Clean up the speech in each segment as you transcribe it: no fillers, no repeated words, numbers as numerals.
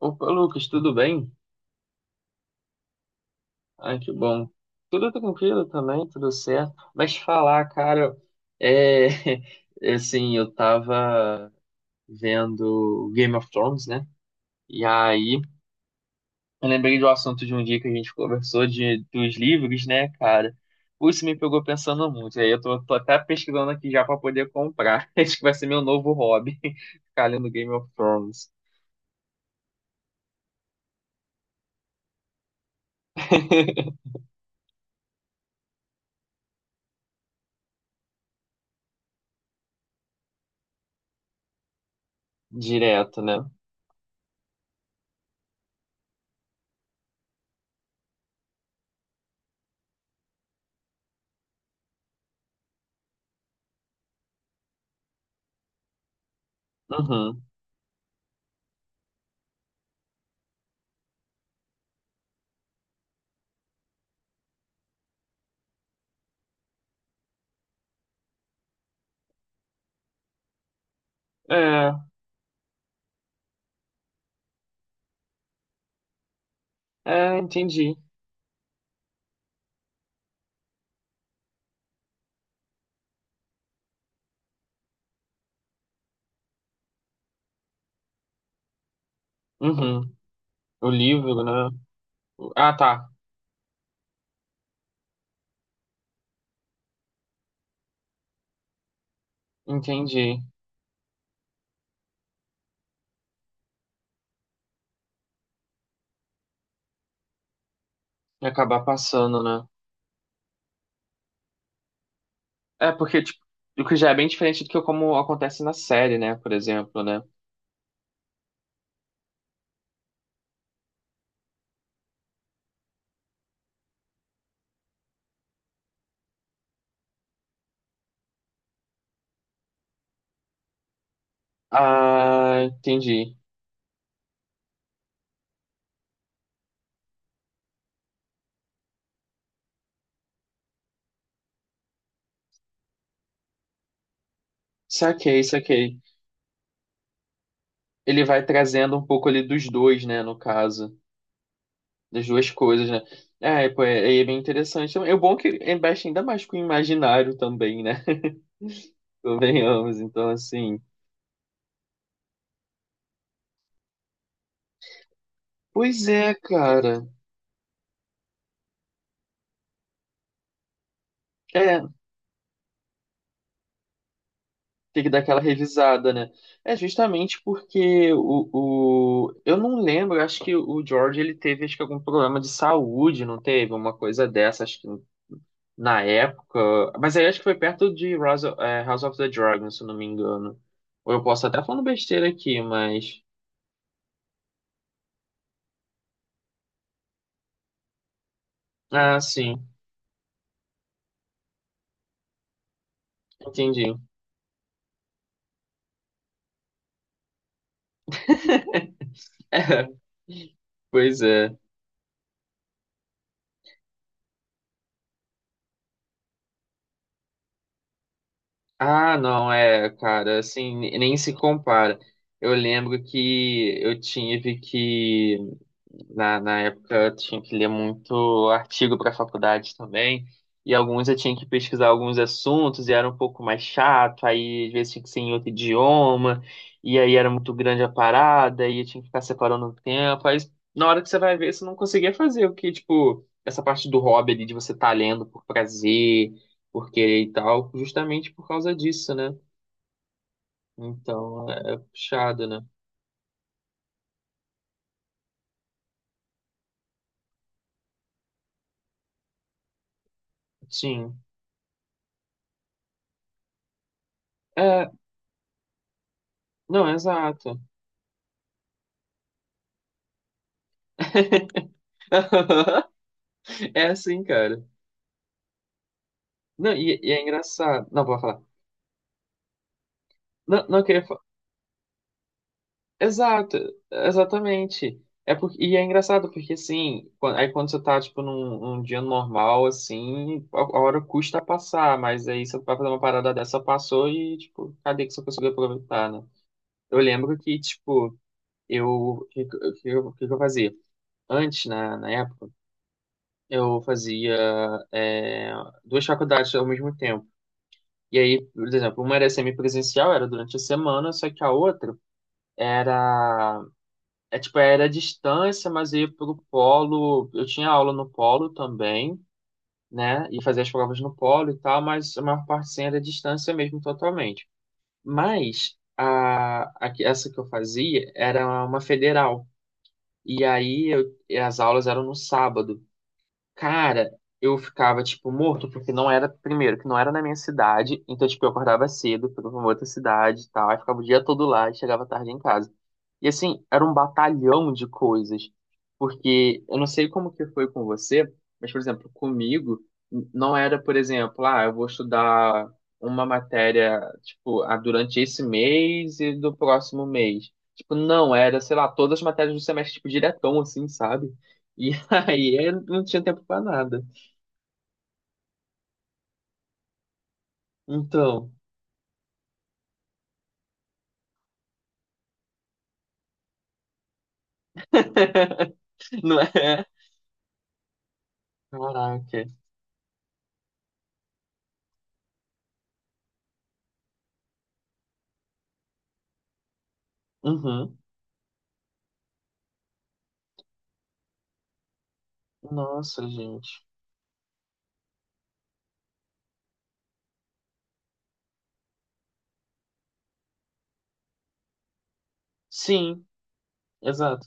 Opa, Lucas, tudo bem? Ai, que bom. Tudo tranquilo também, tudo certo. Mas falar, cara, é assim, eu tava vendo Game of Thrones, né? E aí, eu lembrei do assunto de um dia que a gente conversou dos livros, né, cara? Pô, isso me pegou pensando muito. E aí eu tô até pesquisando aqui já pra poder comprar. Acho que vai ser meu novo hobby, ficar lendo Game of Thrones. Direto, né? Uhum. É, é, entendi. Uhum. O livro, né? Ah, tá. Entendi. E acabar passando, né? É, porque, tipo, o que já é bem diferente do que como acontece na série, né? Por exemplo, né? Ah, entendi. Saquei, saquei. Ele vai trazendo um pouco ali dos dois, né? No caso, das duas coisas, né? É, pô, é bem interessante. É bom que investe ainda mais com o imaginário também, né? Convenhamos, então, assim. Pois é, cara. É, tem que dar aquela revisada, né? É justamente porque Eu não lembro, acho que o George ele teve acho que algum problema de saúde, não teve? Uma coisa dessa, acho que na época. Mas aí acho que foi perto de House of the Dragon, se eu não me engano. Ou eu posso até estar falando besteira aqui, mas. Ah, sim, entendi. É, pois é. Ah, não, é, cara, assim, nem se compara. Eu lembro que eu tive que, na época, eu tinha que ler muito artigo para a faculdade também, e alguns eu tinha que pesquisar alguns assuntos, e era um pouco mais chato, aí às vezes tinha que ser em outro idioma, e aí era muito grande a parada, e eu tinha que ficar separando o tempo, aí na hora que você vai ver, você não conseguia fazer o que, tipo, essa parte do hobby ali, de você estar lendo por prazer, porque e tal, justamente por causa disso, né? Então é puxado, né? Sim. É, não, exato. É assim, cara. Não, e é engraçado. Não, vou falar. Não, não eu queria falar. Exato, exatamente. É porque, e é engraçado, porque assim, aí quando você tá, tipo, num dia normal, assim, a hora custa passar, mas aí você vai fazer uma parada dessa, passou e, tipo, cadê que você conseguiu aproveitar, né? Eu lembro que, tipo, eu, o que, que- o que, eu- o que que eu fazia? Antes, na época, eu fazia é, duas faculdades ao mesmo tempo. E aí, por exemplo, uma era semipresencial, era durante a semana, só que a outra era, era à distância, mas eu ia pro polo, eu tinha aula no polo também, né? E fazia as provas no polo e tal, mas a maior parte sim era à distância mesmo, totalmente. Mas essa que eu fazia era uma federal. E aí e as aulas eram no sábado. Cara, eu ficava, tipo, morto, porque não era, primeiro, que não era na minha cidade, então, tipo, eu acordava cedo, fui pra uma outra cidade e tal, aí ficava o dia todo lá e chegava tarde em casa. E, assim, era um batalhão de coisas, porque eu não sei como que foi com você, mas, por exemplo, comigo, não era, por exemplo, ah, eu vou estudar uma matéria, tipo, ah, durante esse mês e do próximo mês. Tipo, não, era, sei lá, todas as matérias do semestre, tipo, diretão, assim, sabe? E aí eu não tinha tempo pra nada. Então, não é? Caraca. Uhum. Nossa, gente. Sim, exato.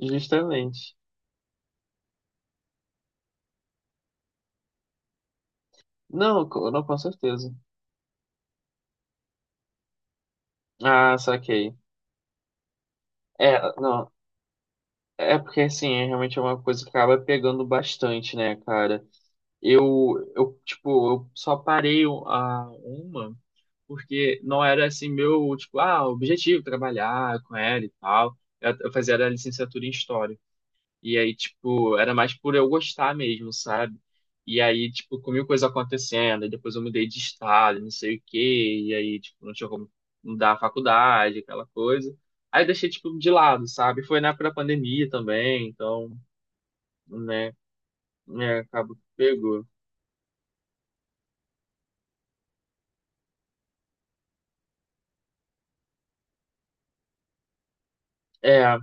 Justamente. Não, não, com certeza. Ah, saquei. É, não. É porque assim, é realmente uma coisa que acaba pegando bastante, né, cara? Tipo, eu só parei a uma porque não era assim meu, tipo, ah, objetivo trabalhar com ela e tal. Eu fazia a licenciatura em história. E aí, tipo, era mais por eu gostar mesmo, sabe? E aí, tipo, com mil coisas acontecendo, e depois eu mudei de estado, não sei o quê, e aí, tipo, não tinha como mudar a faculdade, aquela coisa. Aí eu deixei, tipo, de lado, sabe? Foi na época da pandemia também, então, né, é, acabou que pegou. É,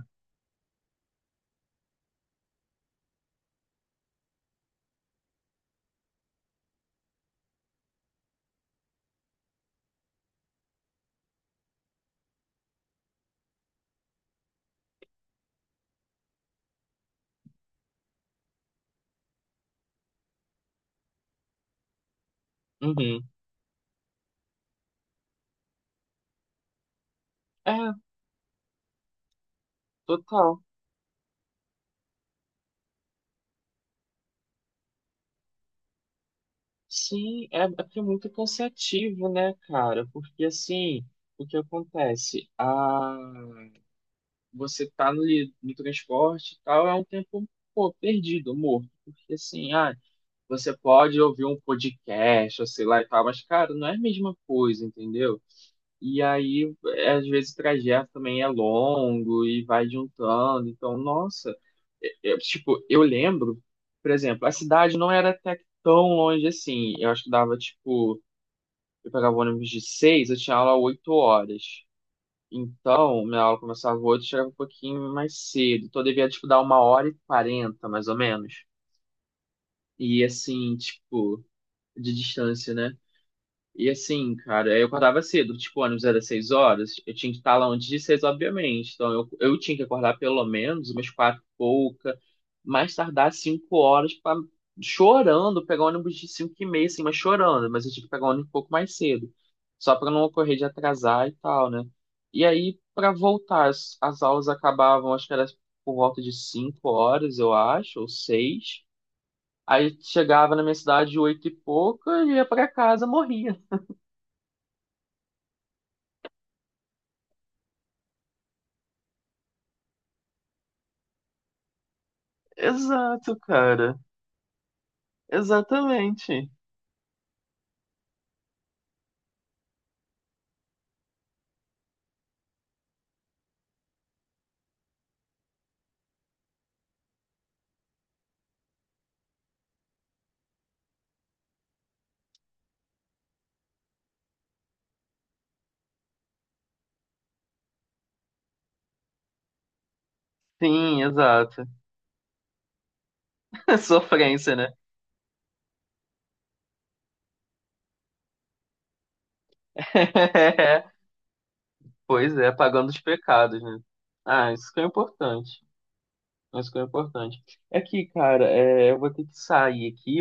uhum. É, total. Sim, é porque é muito cansativo, né, cara? Porque, assim, o que acontece? Ah, você tá no transporte e tal, é um tempo, pô, perdido, morto. Porque assim, ah, você pode ouvir um podcast, ou sei lá e tal, mas, cara, não é a mesma coisa, entendeu? E aí, é, às vezes, o trajeto também é longo e vai juntando. Então, nossa, eu lembro, por exemplo, a cidade não era até que tão longe assim. Eu acho que dava, tipo, eu pegava ônibus de seis, eu tinha aula 8 horas. Então, minha aula começava às chegava um pouquinho mais cedo. Então, eu devia, tipo, dar 1h40, mais ou menos. E, assim, tipo, de distância, né? E assim, cara, eu acordava cedo, tipo, o ônibus era 6 horas, eu tinha que estar lá antes de seis, obviamente. Então eu tinha que acordar pelo menos umas quatro e pouca, mais tardar 5 horas, pra, chorando, pegar o ônibus de 5h30, assim, mas chorando. Mas eu tinha que pegar o ônibus um pouco mais cedo, só pra não ocorrer de atrasar e tal, né? E aí, pra voltar, as aulas acabavam, acho que era por volta de 5 horas, eu acho, ou seis. Aí chegava na minha cidade oito e pouca, ia pra casa, morria. Exato, cara. Exatamente. Sim, exato. Sofrência, né? Pois é, pagando os pecados, né? Ah, isso que é importante. Isso que é importante. É que, cara, eu vou ter que sair aqui.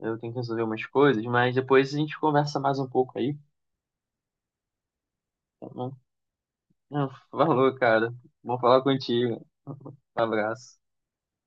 Eu tenho que resolver umas coisas, mas depois a gente conversa mais um pouco aí. Tá bom? Ah, falou, cara. Bom falar contigo. Um abraço.